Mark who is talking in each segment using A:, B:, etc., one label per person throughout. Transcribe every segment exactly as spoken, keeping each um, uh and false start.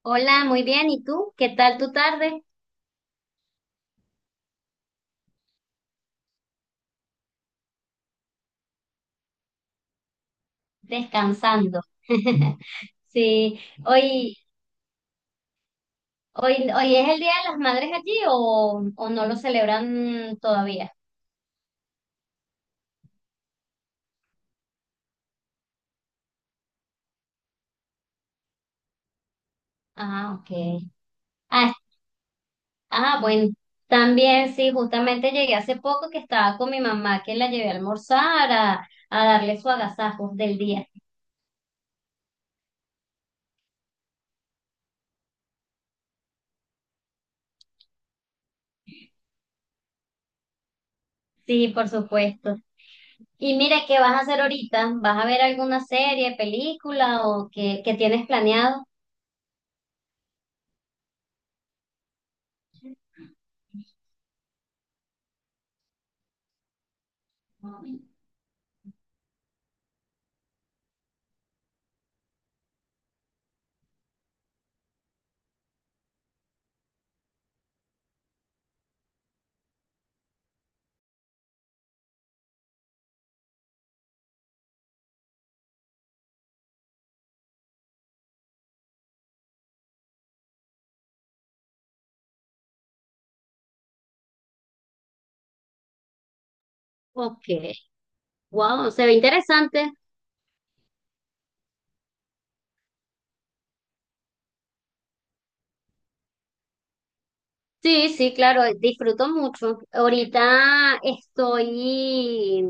A: Hola, muy bien. ¿Y tú? ¿Qué tal tu tarde? Descansando. Sí, hoy, hoy, hoy es el Día de las Madres allí o, o no lo celebran todavía. Ah, ok. Ah, ah, bueno, también sí, justamente llegué hace poco que estaba con mi mamá que la llevé a almorzar a, a darle su agasajo del día. Sí, por supuesto. Y mira, ¿qué vas a hacer ahorita? ¿Vas a ver alguna serie, película o qué, qué tienes planeado? Ok. Wow, se ve interesante. Sí, sí, claro, disfruto mucho. Ahorita estoy,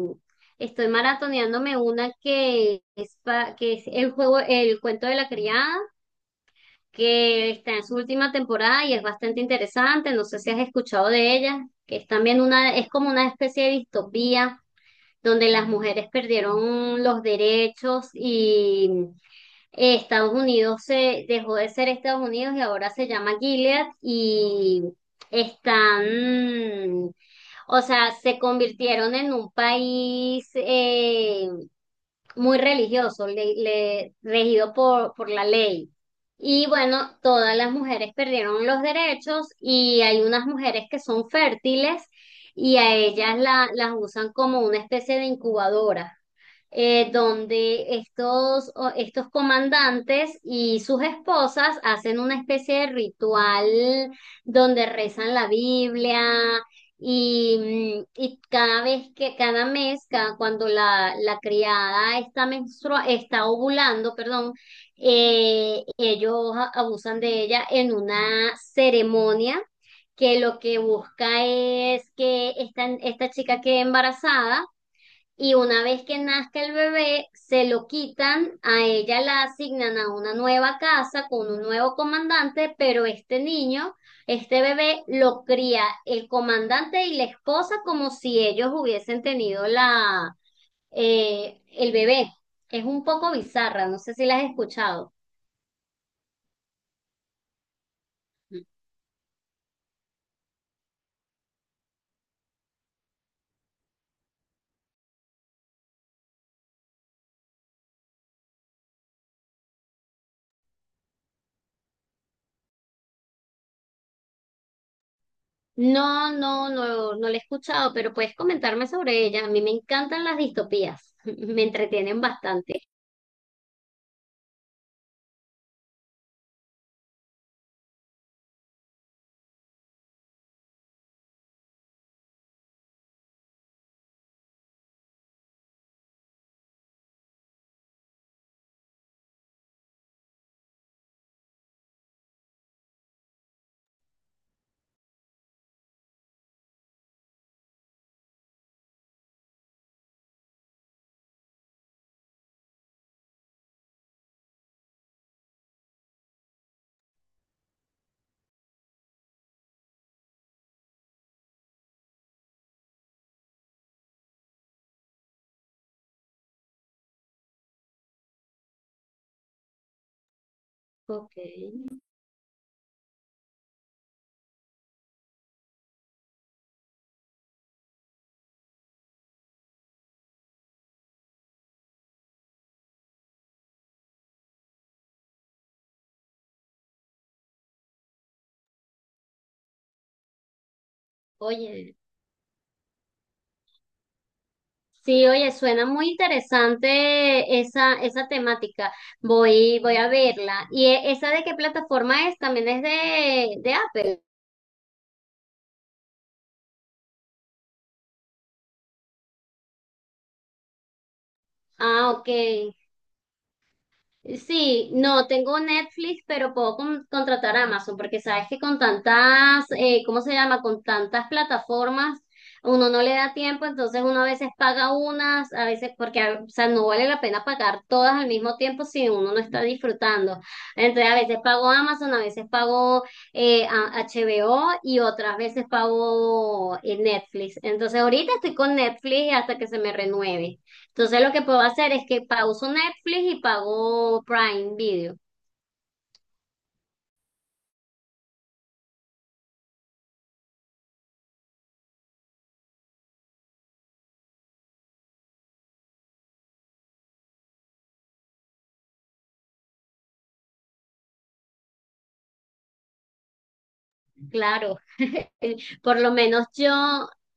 A: estoy maratoneándome una que es, pa- que es el juego, el cuento de la criada, que está en su última temporada y es bastante interesante. No sé si has escuchado de ella, que es también una, es como una especie de distopía donde las mujeres perdieron los derechos. Eh, Estados Unidos se dejó de ser Estados Unidos y ahora se llama Gilead y están, o sea, se convirtieron en un país eh, muy religioso, le- le- regido por, por la ley. Y bueno, todas las mujeres perdieron los derechos y hay unas mujeres que son fértiles y a ellas la- las usan como una especie de incubadora, eh, donde estos, o- estos comandantes y sus esposas hacen una especie de ritual donde rezan la Biblia y, mm, y cada vez que, cada mes, cada- cuando la, la criada está menstrua, está ovulando, perdón, eh, ellos a- abusan de ella en una ceremonia que lo que busca es que esta, esta chica quede embarazada y una vez que nazca el bebé, se lo quitan, a ella la asignan a una nueva casa con un nuevo comandante, pero este niño, este bebé, lo cría el comandante y la esposa como si ellos hubiesen tenido la, eh, el bebé. Es un poco bizarra, no sé si la has escuchado. No, no, no, no la he escuchado, pero puedes comentarme sobre ella. A mí me encantan las distopías, me entretienen bastante. Ok. Oye. Sí, oye, suena muy interesante esa, esa temática. Voy, voy a verla. ¿Y e- esa de qué plataforma es? También es de, de Apple. Ah, ok. Sí, no, tengo Netflix, pero puedo con- contratar Amazon, porque sabes que con tantas, eh, ¿cómo se llama? Con tantas plataformas, uno no le da tiempo, entonces uno a veces paga unas, a veces, porque, a- o sea, no vale la pena pagar todas al mismo tiempo si uno no está disfrutando. Entonces, a veces pago Amazon, a veces pago eh, a- H B O y otras veces pago eh, Netflix. Entonces, ahorita estoy con Netflix hasta que se me renueve. Entonces lo que puedo hacer es que pauso Netflix y pago Prime Video. Claro. por lo menos yo,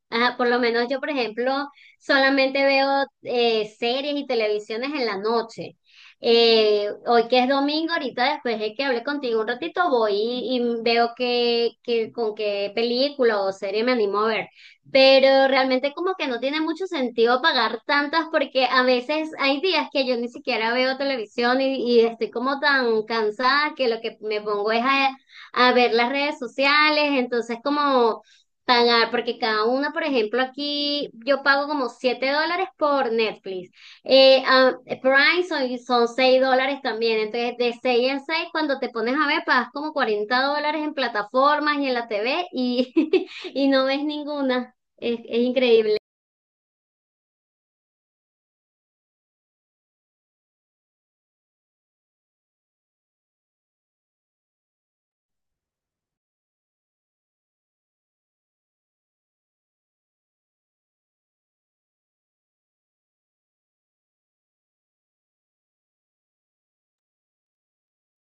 A: ajá, por lo menos yo, por ejemplo, solamente veo eh, series y televisiones en la noche. Eh, hoy que es domingo, ahorita después de que hable contigo un ratito, voy y, y veo que, que con qué película o serie me animo a ver. Pero realmente como que no tiene mucho sentido pagar tantas porque a veces hay días que yo ni siquiera veo televisión y, y estoy como tan cansada que lo que me pongo es a a ver las redes sociales, entonces como pagar, porque cada uno, por ejemplo, aquí yo pago como siete dólares por Netflix, eh, ah, Prime son, son seis dólares también, entonces de seis en seis cuando te pones a ver pagas como cuarenta dólares en plataformas y en la T V y, y no ves ninguna, es, es increíble.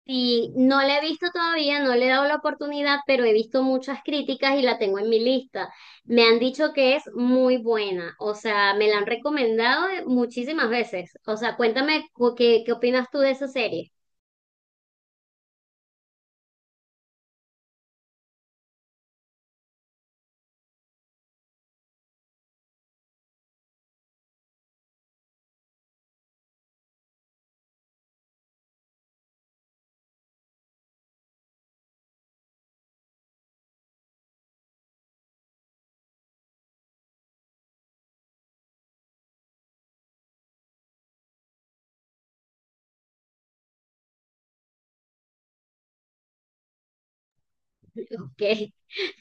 A: Sí, no la he visto todavía, no le he dado la oportunidad, pero he visto muchas críticas y la tengo en mi lista. Me han dicho que es muy buena, o sea, me la han recomendado muchísimas veces. O sea, cuéntame cu- qué, qué opinas tú de esa serie. Ok.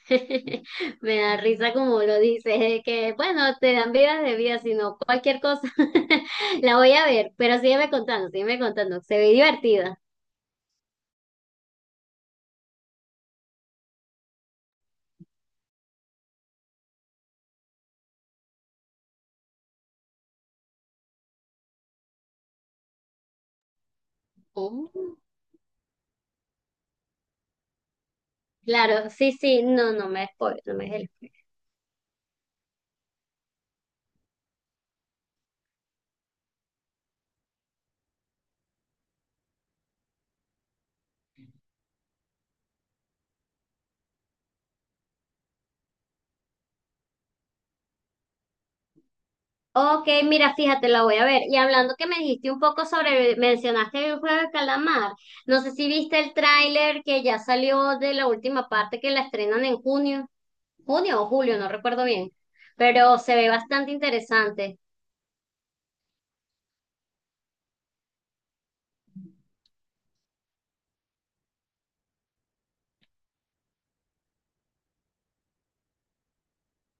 A: Me da risa como lo dices, de que bueno, te dan vidas de vida, sino cualquier cosa. La voy a ver, pero sígueme contando, sígueme contando, se ve divertida. Oh. Claro, sí, sí, no, no me spoil, no me. Ok, mira, fíjate, la voy a ver. Y hablando que me dijiste un poco sobre, mencionaste el juego de calamar. No sé si viste el tráiler que ya salió de la última parte que la estrenan en junio, junio o julio, no recuerdo bien, pero se ve bastante interesante.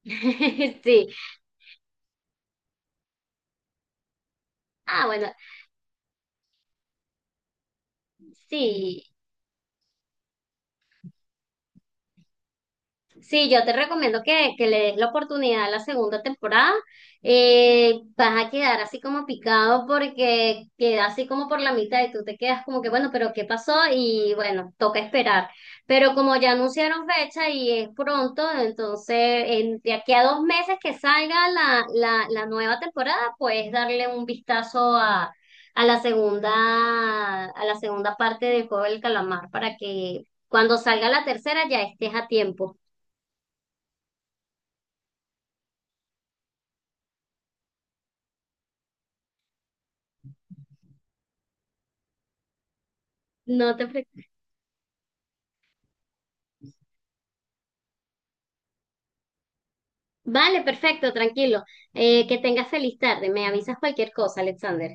A: Sí. Ah, bueno, sí. Sí, yo te recomiendo que, que le des la oportunidad a la segunda temporada. Eh, vas a quedar así como picado porque queda así como por la mitad y tú te quedas como que, bueno, pero ¿qué pasó? Y bueno, toca esperar. Pero como ya anunciaron fecha y es pronto, entonces en- de aquí a dos meses que salga la, la, la nueva temporada, puedes darle un vistazo a, a la segunda, a la segunda parte del Juego del Calamar para que cuando salga la tercera ya estés a tiempo. No te preocupes. Vale, perfecto, tranquilo. Eh, que tengas feliz tarde. Me avisas cualquier cosa, Alexander.